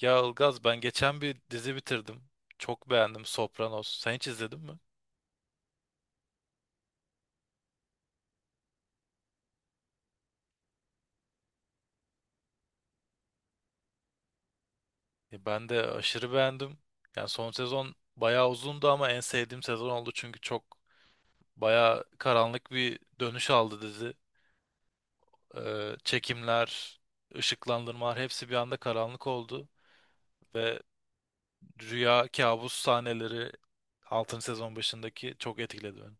Ya Ilgaz ben geçen bir dizi bitirdim. Çok beğendim Sopranos. Sen hiç izledin mi? Ya ben de aşırı beğendim. Yani son sezon bayağı uzundu ama en sevdiğim sezon oldu çünkü çok bayağı karanlık bir dönüş aldı dizi. Çekimler, ışıklandırmalar hepsi bir anda karanlık oldu ve rüya kabus sahneleri 6. sezon başındaki çok etkiledi beni.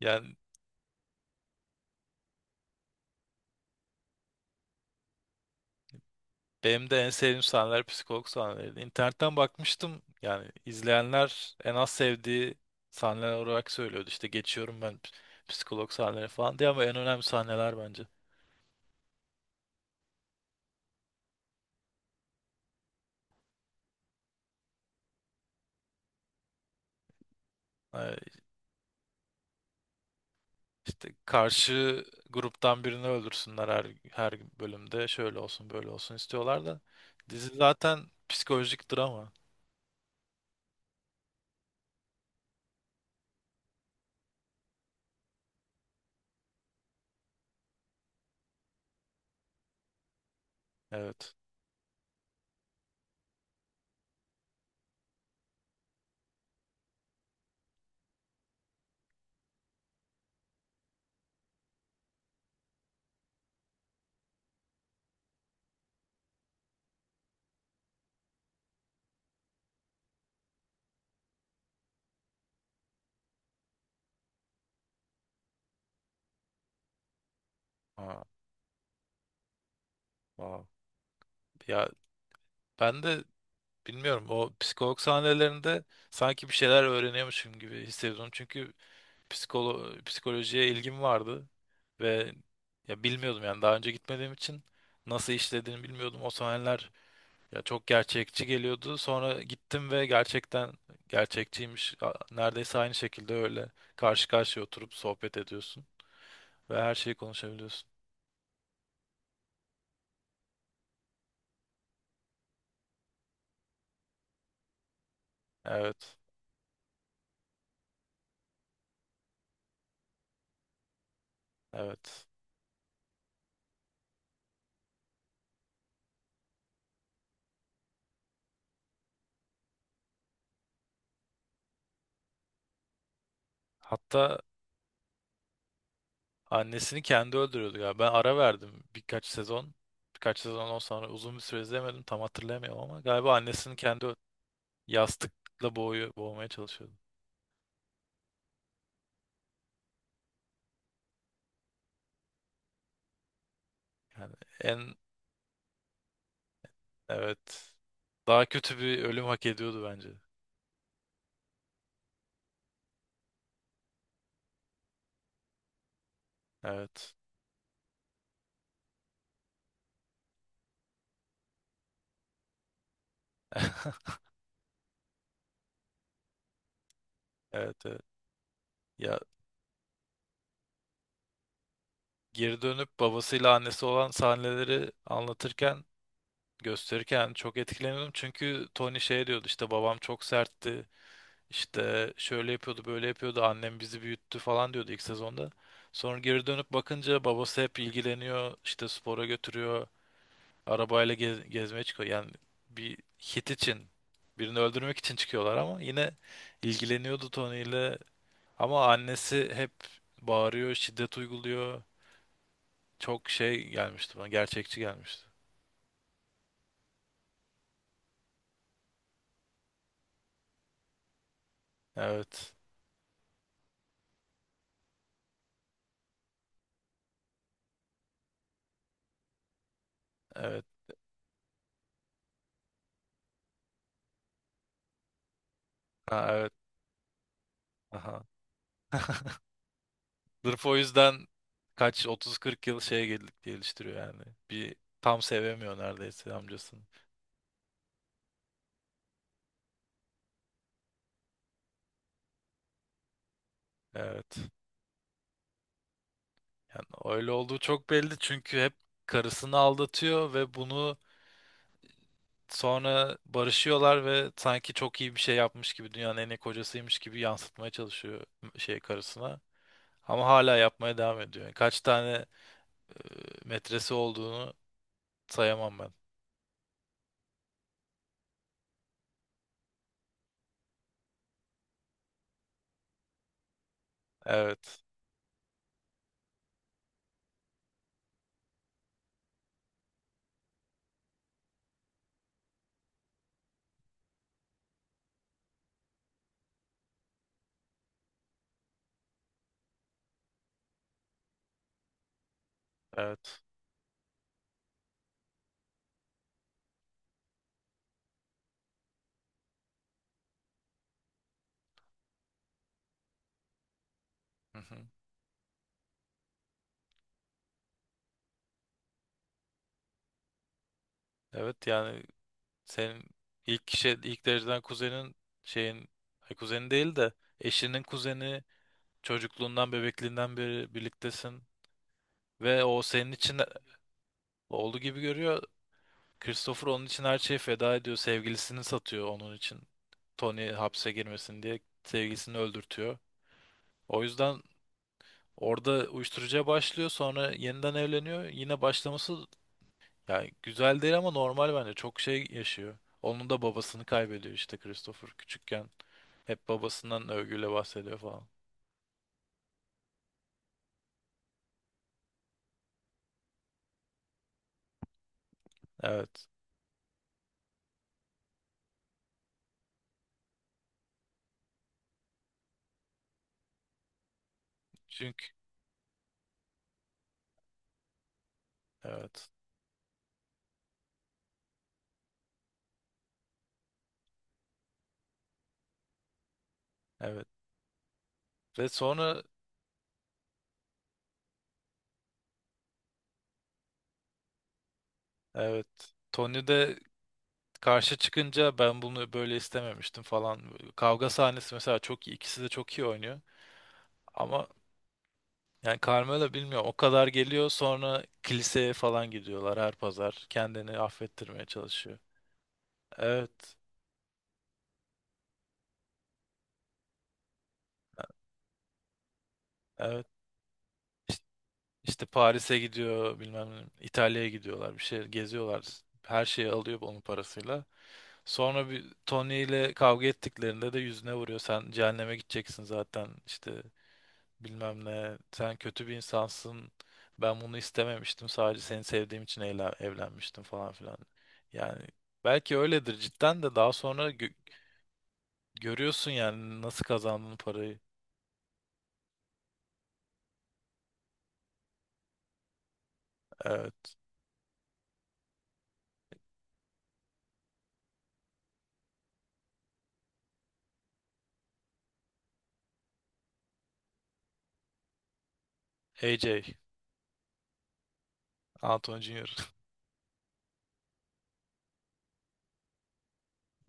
Yani Benim de en sevdiğim sahneler psikolog sahneleriydi. İnternetten bakmıştım, yani izleyenler en az sevdiği sahneler olarak söylüyordu. İşte geçiyorum ben psikolog sahneleri falan diye, ama en önemli sahneler bence. Ee, İşte karşı gruptan birini öldürsünler her bölümde şöyle olsun böyle olsun istiyorlar da dizi zaten psikolojik drama. Evet. Ha, wow. Ya ben de bilmiyorum, o psikolog sahnelerinde sanki bir şeyler öğreniyormuşum gibi hissediyorum. Çünkü psikolojiye ilgim vardı ve ya bilmiyordum, yani daha önce gitmediğim için nasıl işlediğini bilmiyordum. O sahneler ya çok gerçekçi geliyordu. Sonra gittim ve gerçekten gerçekçiymiş. Neredeyse aynı şekilde öyle karşı karşıya oturup sohbet ediyorsun ve her şeyi konuşabiliyorsun. Evet. Evet. Hatta annesini kendi öldürüyordu ya. Ben ara verdim birkaç sezon. Birkaç sezon ondan sonra uzun bir süre izlemedim. Tam hatırlayamıyorum ama galiba annesini kendi yastıkla boğuyor, boğmaya çalışıyordu. Yani en evet, daha kötü bir ölüm hak ediyordu bence. Evet. Evet, evet. Ya geri dönüp babasıyla annesi olan sahneleri anlatırken gösterirken çok etkileniyordum. Çünkü Tony şey diyordu, işte babam çok sertti. İşte şöyle yapıyordu, böyle yapıyordu. Annem bizi büyüttü falan diyordu ilk sezonda. Sonra geri dönüp bakınca babası hep ilgileniyor, işte spora götürüyor. Arabayla gezmeye çıkıyor. Yani bir hit için, birini öldürmek için çıkıyorlar ama yine ilgileniyordu Tony ile. Ama annesi hep bağırıyor, şiddet uyguluyor. Çok şey gelmişti bana, gerçekçi gelmişti. Evet, evet, ha, evet, aha. Sırf o yüzden kaç 30-40 yıl şeye geliştiriyor yani. Bir tam sevemiyor neredeyse amcasını. Evet. Yani öyle olduğu çok belli çünkü hep karısını aldatıyor ve bunu sonra barışıyorlar ve sanki çok iyi bir şey yapmış gibi dünyanın en iyi kocasıymış gibi yansıtmaya çalışıyor şey karısına. Ama hala yapmaya devam ediyor. Yani kaç tane e, metresi olduğunu sayamam ben. Evet, evet. Hı hı. Evet yani senin ilk dereceden kuzenin şeyin, ay, kuzeni değil de eşinin kuzeni, çocukluğundan bebekliğinden beri birliktesin ve o senin için oğlu gibi görüyor. Christopher onun için her şeyi feda ediyor. Sevgilisini satıyor onun için. Tony hapse girmesin diye sevgilisini öldürtüyor. O yüzden orada uyuşturucuya başlıyor. Sonra yeniden evleniyor. Yine başlaması yani güzel değil ama normal bence. Çok şey yaşıyor. Onun da babasını kaybediyor işte Christopher küçükken. Hep babasından övgüyle bahsediyor falan. Evet. Çünkü evet. Evet. Ve sonra evet. Tony de karşı çıkınca ben bunu böyle istememiştim falan. Kavga sahnesi mesela çok iyi. İkisi de çok iyi oynuyor. Ama yani Carmelo bilmiyorum, o kadar geliyor, sonra kiliseye falan gidiyorlar her pazar. Kendini affettirmeye çalışıyor. Evet. Evet. İşte, işte Paris'e gidiyor, bilmem ne, İtalya'ya gidiyorlar, bir şey geziyorlar. Her şeyi alıyor onun parasıyla. Sonra bir Tony ile kavga ettiklerinde de yüzüne vuruyor. Sen cehenneme gideceksin zaten, işte bilmem ne, sen kötü bir insansın, ben bunu istememiştim, sadece seni sevdiğim için evlenmiştim falan filan. Yani belki öyledir cidden de daha sonra görüyorsun yani nasıl kazandığın parayı. Evet, AJ, Anthony Jr.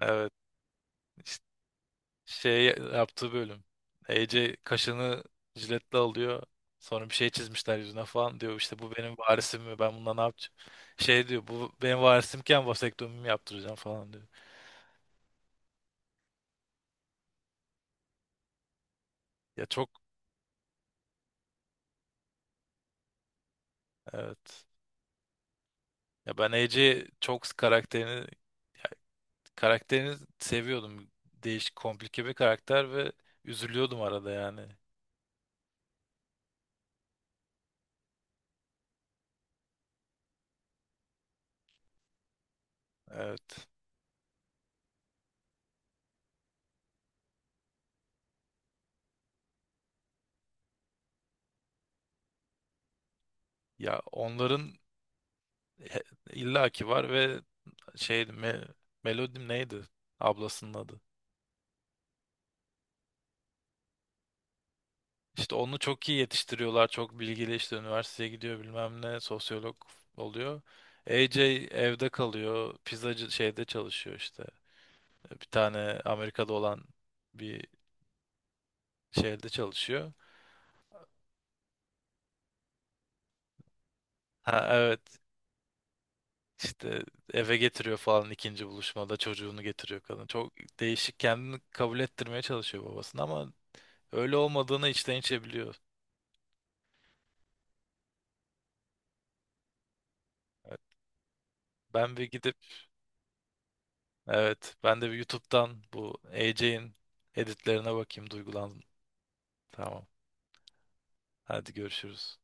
Evet, işte şey yaptığı bölüm, AJ kaşını jiletle alıyor, sonra bir şey çizmişler yüzüne falan diyor, işte bu benim varisim mi, ben bundan ne yapacağım. Şey diyor, bu benim varisimken vasektomimi yaptıracağım falan diyor. Ya çok evet. Ya ben Ece çok karakterini ya karakterini seviyordum. Değişik, komplike bir karakter ve üzülüyordum arada yani. Evet. Ya onların he- illaki var ve şeydi, me, Melody neydi? Ablasının adı. İşte onu çok iyi yetiştiriyorlar. Çok bilgili, işte üniversiteye gidiyor, bilmem ne, sosyolog oluyor. AJ evde kalıyor. Pizzacı şeyde çalışıyor işte. Bir tane Amerika'da olan bir şehirde çalışıyor. Ha evet. İşte eve getiriyor falan, ikinci buluşmada çocuğunu getiriyor kadın. Çok değişik, kendini kabul ettirmeye çalışıyor babasını ama öyle olmadığını içten içe biliyor. Evet, Ben bir gidip evet ben de bir YouTube'dan bu AJ'in editlerine bakayım, duygulandım. Tamam. Hadi görüşürüz.